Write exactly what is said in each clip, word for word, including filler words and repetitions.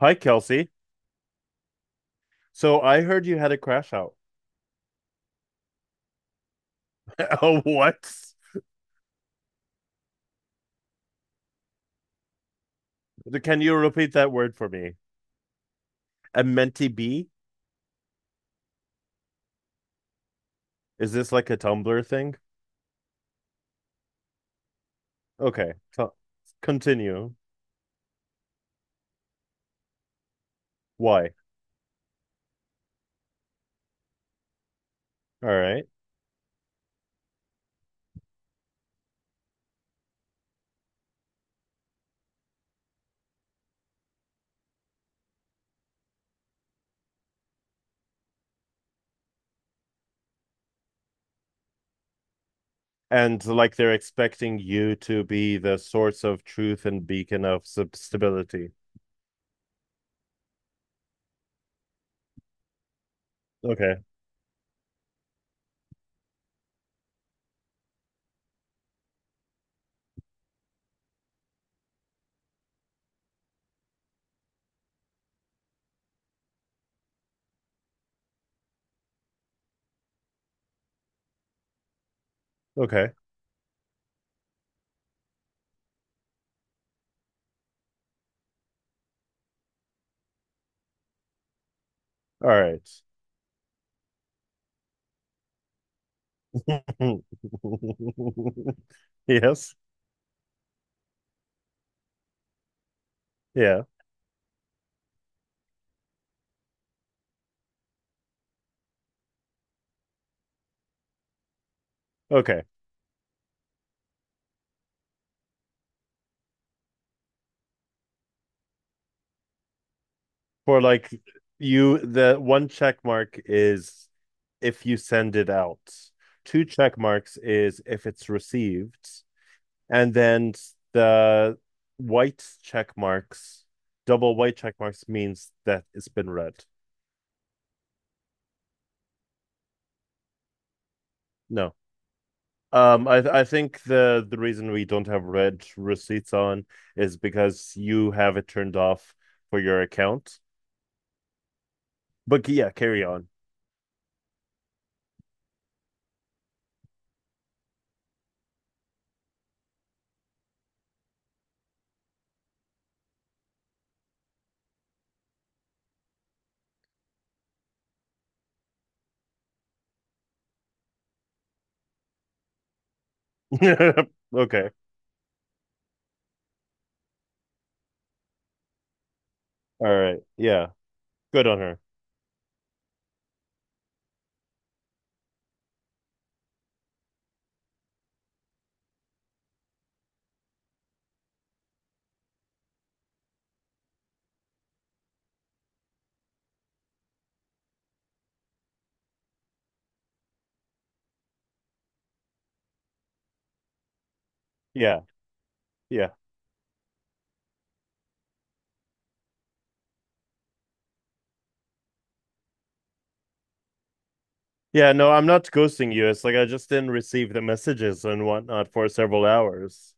Hi, Kelsey. So I heard you had a crash out. Oh, what? Can you repeat that word for me? A mentee B? Is this like a Tumblr thing? Okay, co- continue. Why? All right. And like they're expecting you to be the source of truth and beacon of sub- stability. Okay, okay. All right. Yes. Yeah. Okay. For like you the one check mark is if you send it out. Two check marks is if it's received, and then the white check marks, double white check marks means that it's been read. No. Um, I th- I think the the reason we don't have red receipts on is because you have it turned off for your account. But yeah, carry on. Okay. All right. Yeah. Good on her. Yeah. Yeah. Yeah, no, I'm not ghosting you. It's like I just didn't receive the messages and whatnot for several hours.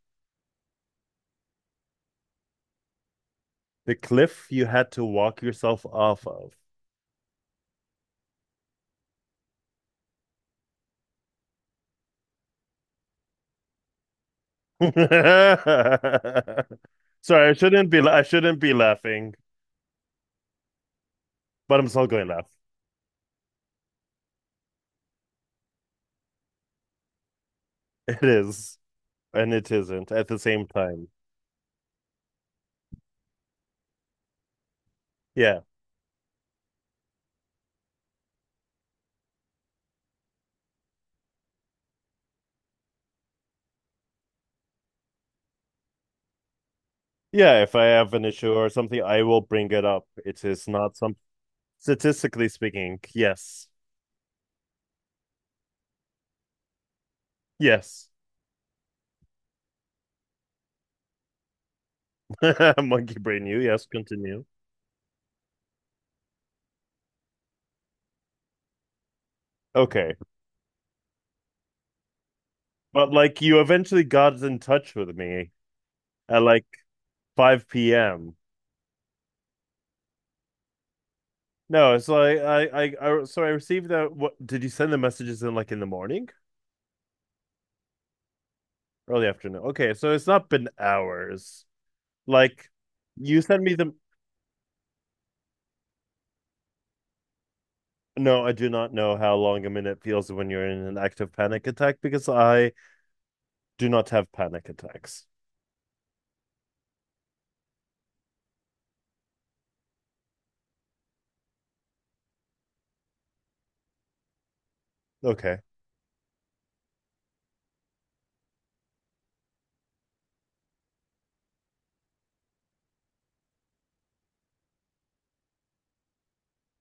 The cliff you had to walk yourself off of. Sorry, I shouldn't be I shouldn't be laughing, but I'm still going to laugh. It is, and it isn't at the same time. Yeah. Yeah, if I have an issue or something, I will bring it up. It is not some statistically speaking. Yes. Yes. Monkey brain you. Yes, continue. Okay. But like you eventually got in touch with me at like five p m. No, so I, I, I, I so I received that. What did you send the messages in like in the morning, early afternoon? Okay, so it's not been hours. Like you send me the. No, I do not know how long a minute feels when you're in an active panic attack because I do not have panic attacks. Okay,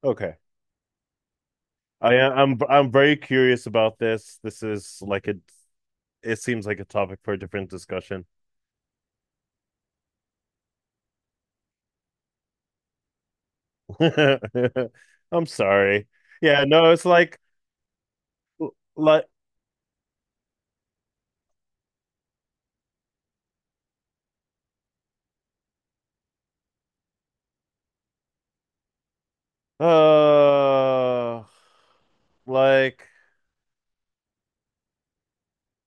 okay. I, I'm, I'm very curious about this. This is like a, it seems like a topic for a different discussion. I'm sorry. Yeah, no, it's like like uh like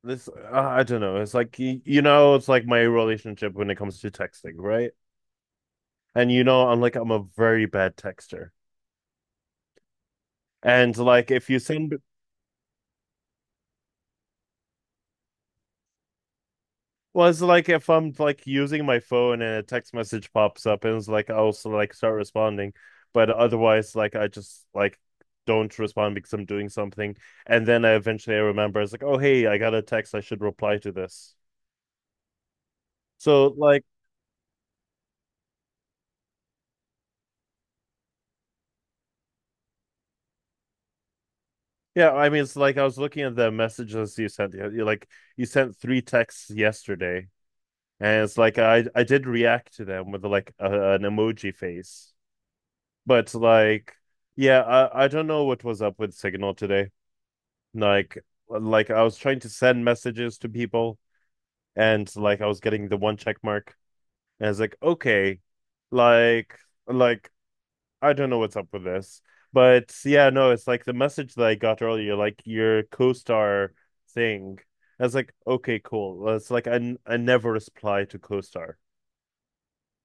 this uh, I don't know. It's like y- you know, it's like my relationship when it comes to texting, right? And you know, I'm like I'm a very bad texter. And like if you send was like if I'm like using my phone and a text message pops up and it's like I also like start responding, but otherwise like I just like don't respond because I'm doing something, and then I eventually I remember it's like, oh hey, I got a text, I should reply to this. So like, yeah, I mean it's like I was looking at the messages you sent you you, like you sent three texts yesterday and it's like I I did react to them with like a, an emoji face, but like yeah I I don't know what was up with Signal today. Like like I was trying to send messages to people and like I was getting the one check mark and I was like, okay, like like I don't know what's up with this. But yeah, no, it's like the message that I got earlier, like your co-star thing. I was like, okay, cool. Well, it's like I, n- I never reply to co-star.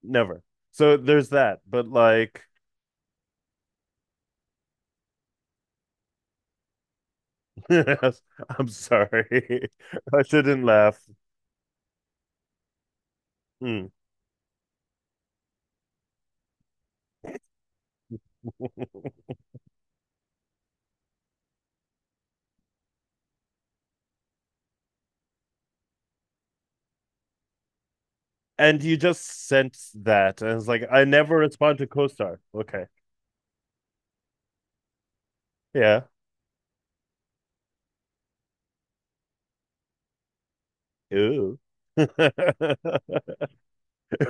Never. So there's that. But like I'm sorry. I shouldn't laugh. Mm. And you just sent that, and it's like I never respond to co-star. Okay, yeah, ooh. It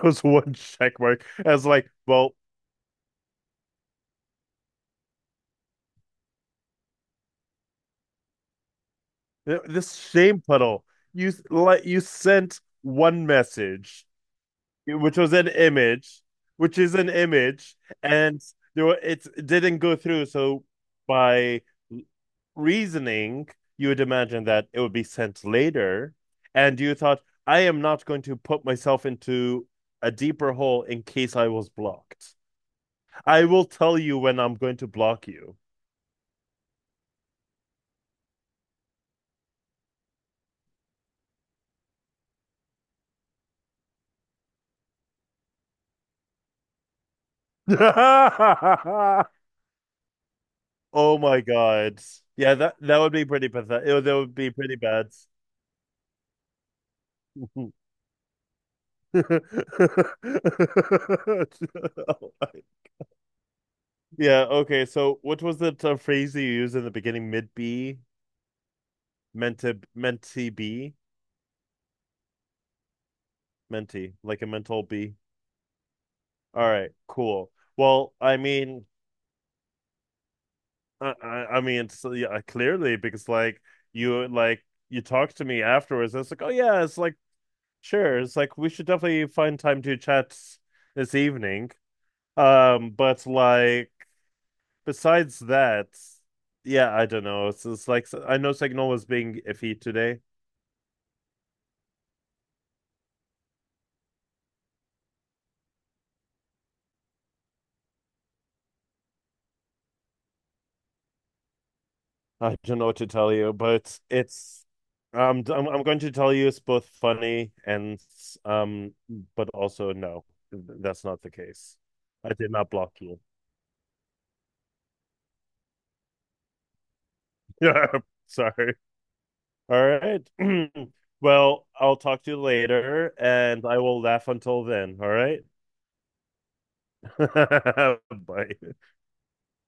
was one check mark. I was like, well, this shame puddle. You like you sent one message, which was an image, which is an image, and there were, it didn't go through. So by reasoning, you would imagine that it would be sent later. And you thought, I am not going to put myself into a deeper hole in case I was blocked. I will tell you when I'm going to block you. Oh my God. Yeah, that that would be pretty pathetic. It, would- that would be pretty bad. Yeah, okay. So what was the uh, phrase you used in the beginning? Mid B? Meant to meant to be? Minty, like a mental B. All right, cool. Well, I mean, I, I I mean, so yeah, clearly because like you like you talked to me afterwards. And it's like, oh yeah, it's like sure. It's like we should definitely find time to chat this evening. Um, but like besides that, yeah, I don't know. It's, it's like so, I know Signal was being iffy today. I don't know what to tell you, but it's um I'm I'm going to tell you it's both funny and um but also no, th- that's not the case. I did not block you. Yeah, sorry. All right. Well, I'll talk to you later and I will laugh until then, all right? Bye.